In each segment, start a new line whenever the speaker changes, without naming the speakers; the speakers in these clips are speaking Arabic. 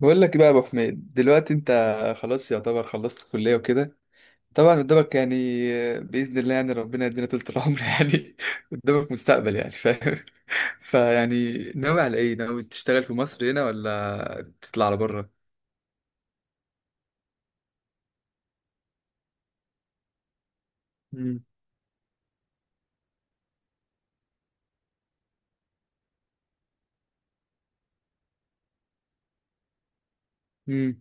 بقول لك إيه بقى يا ابو حميد. دلوقتي انت خلاص يعتبر خلصت الكليه وكده. طبعا قدامك يعني باذن الله يعني ربنا يدينا طول العمر يعني. قدامك مستقبل، يعني فاهم؟ فيعني ناوي على ايه؟ ناوي تشتغل في مصر هنا ولا تطلع على بره؟ امم. امم.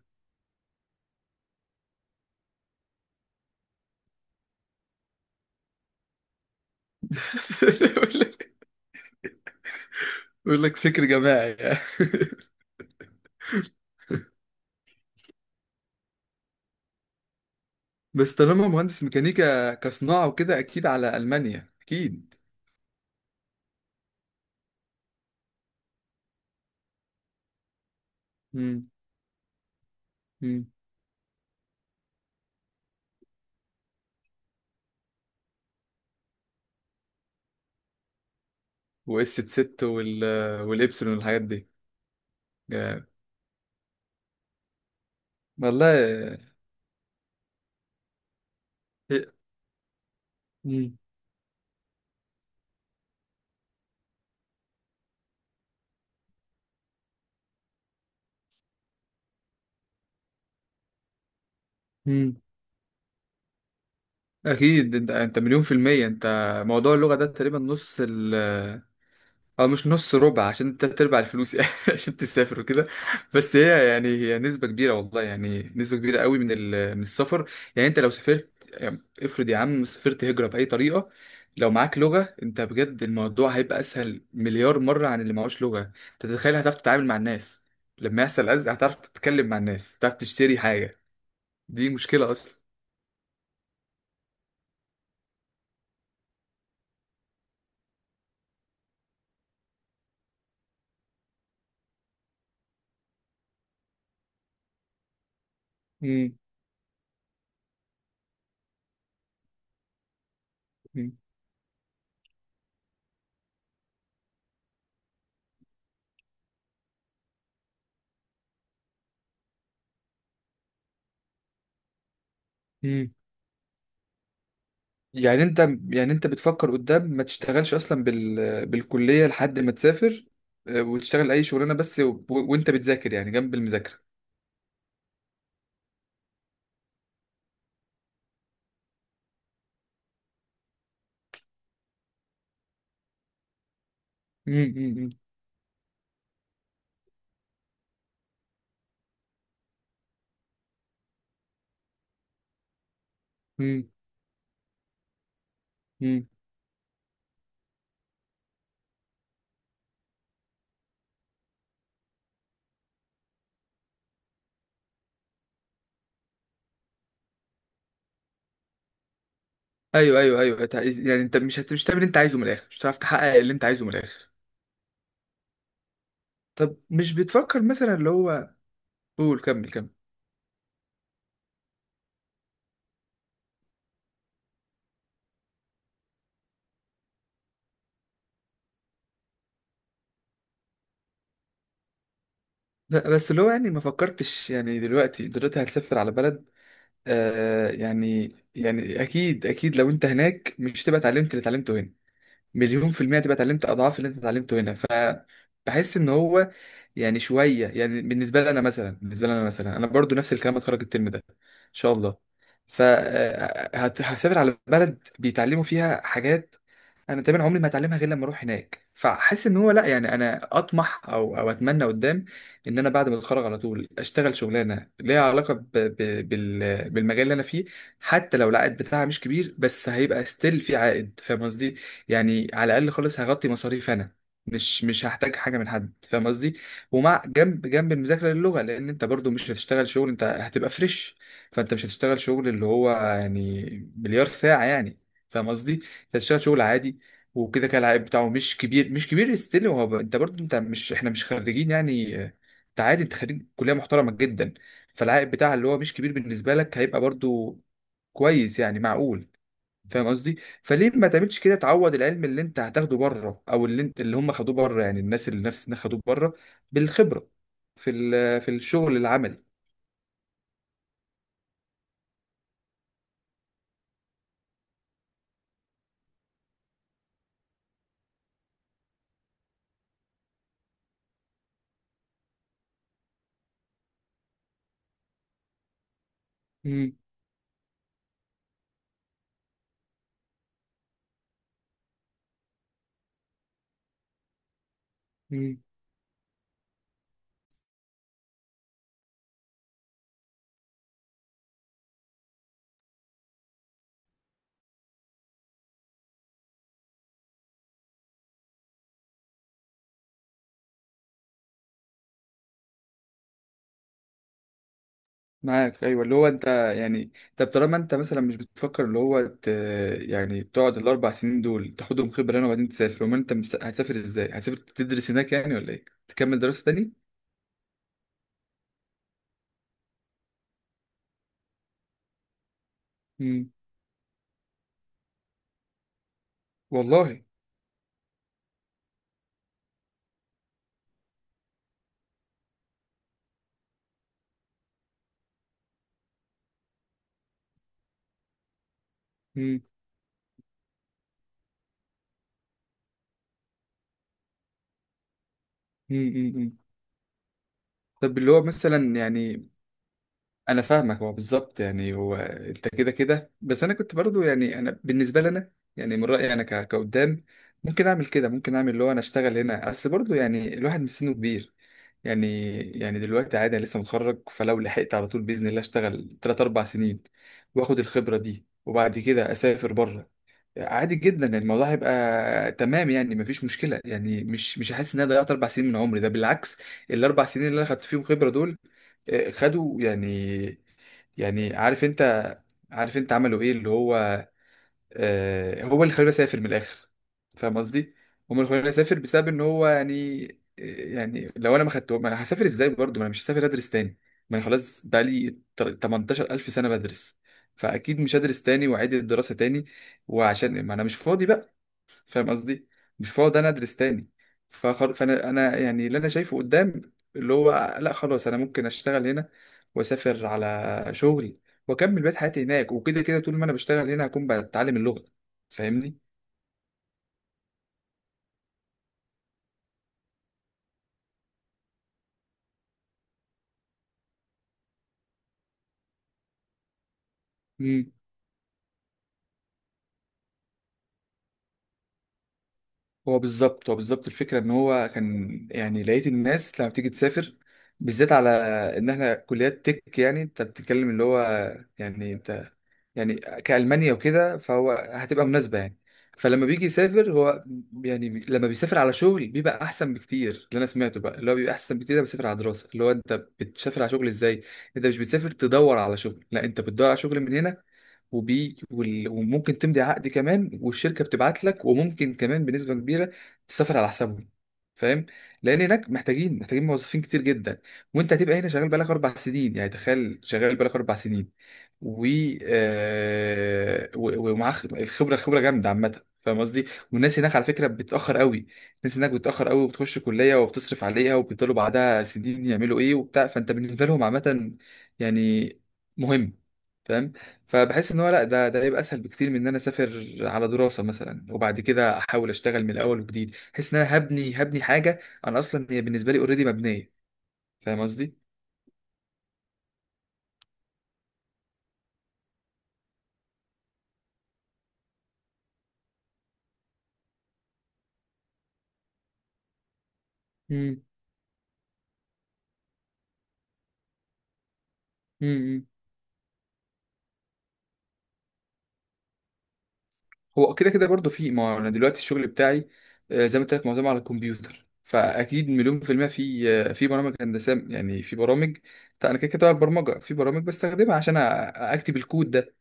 بقول لك بقول لك فكر جماعي يعني. بس طالما مهندس ميكانيكا كصناعه وكده، اكيد على المانيا اكيد. امم. امم. واس 6 والابسلون والحاجات دي. جامد. والله. مم. مم. اكيد انت مليون في المية انت. موضوع اللغة ده تقريبا نص ال او مش نص، ربع، عشان تلات ارباع الفلوس يعني عشان تسافر وكده. بس هي يعني هي نسبة كبيرة والله، يعني نسبة كبيرة قوي من السفر. يعني انت لو سافرت، يعني افرض يا عم سافرت هجرة بأي طريقة، لو معاك لغة انت بجد الموضوع هيبقى اسهل مليار مرة عن اللي معهوش لغة. انت تتخيل، هتعرف تتعامل مع الناس، لما يحصل أزمة هتعرف تتكلم مع الناس، هتعرف تشتري حاجة. دي مشكلة أصلا. مم. مم. يعني انت يعني انت بتفكر قدام ما تشتغلش اصلا بالكلية لحد ما تسافر، آه، وتشتغل اي شغلانة بس وانت بتذاكر يعني جنب المذاكرة. مم، مم، مم، مم، مم. ايوه ايوه ايوه. يعني انت مش هتعمل اللي انت عايزه من الاخر، مش هتعرف تحقق اللي انت عايزه من الاخر. طب مش بتفكر مثلا اللي هو... قول كمل كمل. لا، بس اللي هو يعني ما فكرتش، يعني دلوقتي هتسافر على بلد، آه يعني يعني اكيد اكيد لو انت هناك مش تبقى اتعلمت اللي اتعلمته هنا؟ مليون في المية تبقى اتعلمت أضعاف اللي أنت اتعلمته هنا. فبحس إن هو يعني شوية يعني. بالنسبة لي أنا مثلا أنا برضو نفس الكلام، هتخرج الترم ده إن شاء الله فهسافر على بلد بيتعلموا فيها حاجات أنا تقريبا عمري ما هتعلمها غير لما أروح هناك. فحس إن هو لأ، يعني أنا أطمح أو أتمنى قدام إن أنا بعد ما أتخرج على طول أشتغل شغلانة ليها علاقة بالمجال اللي أنا فيه، حتى لو العائد بتاعها مش كبير، بس هيبقى ستيل في عائد. فاهم قصدي؟ يعني على الاقل خالص هغطي مصاريف انا، مش هحتاج حاجه من حد. فاهم قصدي؟ ومع جنب جنب المذاكره للغه، لان انت برضو مش هتشتغل شغل، انت هتبقى فريش. فانت مش هتشتغل شغل اللي هو يعني مليار ساعه يعني. فاهم قصدي؟ انت هتشتغل شغل عادي، وكده كده العائد بتاعه مش كبير، مش كبير، ستيل هو انت برضو انت مش، احنا مش خريجين يعني آه، انت عادي، انت خريج كليه محترمه جدا. فالعائد بتاعها اللي هو مش كبير بالنسبه لك هيبقى برضو كويس يعني معقول. فاهم قصدي؟ فليه ما تعملش كده؟ تعوض العلم اللي انت هتاخده بره، او اللي انت اللي هم خدوه بره، يعني الناس اللي نفس الناس خدوه بره، بالخبره في الشغل العملي. مم. مم. معاك، ايوه. اللي هو انت يعني طب طالما انت مثلا مش بتفكر اللي هو يعني تقعد الاربع سنين دول تاخدهم خبره هنا وبعدين تسافر، امال انت هتسافر ازاي؟ هتسافر تدرس هناك يعني ولا ايه؟ تكمل دراسه تاني؟ مم. والله. مم. مم. مم. مم. طب اللي هو مثلا يعني انا فاهمك، هو بالظبط يعني هو انت كده كده، بس انا كنت برضو يعني انا بالنسبه لي انا يعني من رايي انا كقدام ممكن اعمل كده، ممكن اعمل اللي هو انا اشتغل هنا، اصل برضو يعني الواحد مش سنه كبير يعني. يعني دلوقتي عادي، انا لسه متخرج، فلو لحقت على طول باذن الله اشتغل 3 4 سنين واخد الخبره دي وبعد كده اسافر بره، عادي جدا. يعني الموضوع هيبقى تمام يعني، مفيش مشكله، يعني مش هحس ان انا ضيعت اربع سنين من عمري. ده بالعكس، الاربع سنين اللي انا خدت فيهم خبره دول آه، خدوا يعني، يعني عارف انت، عارف انت عملوا ايه اللي هو، آه هو اللي خلاني اسافر من الاخر. فاهم قصدي؟ هم اللي خلاني اسافر بسبب ان هو يعني آه، يعني لو انا ما خدتهم انا هسافر ازاي برضه؟ ما انا مش هسافر ادرس تاني، ما انا خلاص بقى لي 18000 سنه بدرس. فاكيد مش هدرس تاني واعيد الدراسه تاني، وعشان ما انا مش فاضي بقى. فاهم قصدي؟ مش هقعد انا ادرس تاني. فانا يعني اللي انا شايفه قدام اللي هو لا، خلاص، انا ممكن اشتغل هنا واسافر على شغل واكمل بقيت حياتي هناك، وكده كده طول ما انا بشتغل هنا هكون بتعلم اللغة. فاهمني؟ امم. هو بالظبط الفكرة ان هو كان يعني لقيت الناس لما بتيجي تسافر، بالذات على ان احنا كليات تك، يعني انت بتتكلم اللي هو يعني انت يعني كألمانيا وكده، فهو هتبقى مناسبة يعني. فلما بيجي يسافر هو يعني لما بيسافر على شغل بيبقى احسن بكتير، اللي انا سمعته بقى اللي هو بيبقى احسن بكتير ده بيسافر على دراسة. اللي هو انت بتسافر على شغل ازاي؟ انت مش بتسافر تدور على شغل، لا، انت بتدور على شغل من هنا، وممكن تمضي عقد كمان والشركه بتبعت لك، وممكن كمان بنسبه كبيره تسافر على حسابهم. فاهم؟ لان هناك محتاجين، محتاجين موظفين كتير جدا، وانت هتبقى هنا شغال بقالك اربع سنين. يعني تخيل شغال بقالك اربع سنين، و ومعاه الخبره، خبره جامده عامه. فاهم قصدي؟ والناس هناك على فكره بتتاخر قوي، الناس هناك بتتاخر قوي، وبتخش كليه وبتصرف عليها وبيفضلوا بعدها سنين يعملوا ايه وبتاع. فانت بالنسبه لهم عامه يعني مهم. فاهم؟ فبحس ان هو لا، ده ده هيبقى اسهل بكتير من ان انا اسافر على دراسه مثلا وبعد كده احاول اشتغل من الاول وجديد. بحس ان انا هبني حاجه، انا اصلا هي بالنسبه لي اوريدي مبنيه. فاهم قصدي؟ امم. امم هو كده كده برضه في، ما هو انا دلوقتي الشغل بتاعي آه، زي ما قلت لك معظمه على الكمبيوتر، فاكيد مليون في المية في آه، في برامج هندسة يعني، في برامج. طيب انا كده كده بقى برمجة، في برامج بستخدمها عشان اكتب الكود.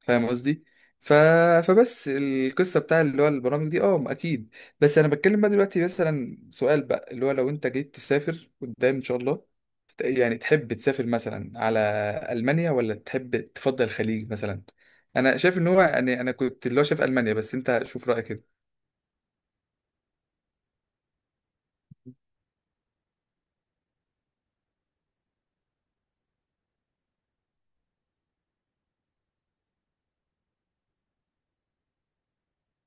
فاهم قصدي؟ ف... فبس القصه بتاع اللي هو البرامج دي اه اكيد. بس انا بتكلم بقى دلوقتي مثلا سؤال بقى اللي هو لو انت جيت تسافر قدام ان شاء الله، يعني تحب تسافر مثلا على المانيا، ولا تحب تفضل الخليج مثلا؟ انا شايف ان هو يعني انا كنت اللي هو شايف المانيا، بس انت شوف رايك كده.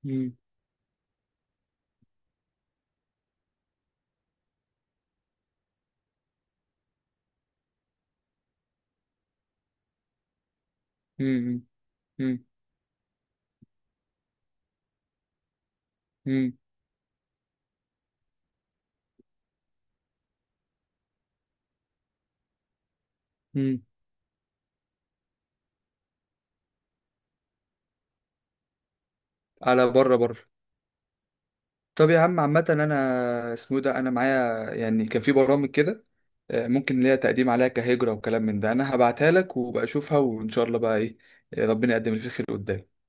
مم، مم، مم، مم، مم. على بره، بره. طب يا عم عامة أنا اسمه إيه ده، أنا معايا يعني كان في برامج كده آه، ممكن ليا تقديم عليها كهجرة وكلام من ده. أنا هبعتها لك وبقى أشوفها، وإن شاء الله بقى إيه آه، ربنا يقدم اللي فيه خير قدام.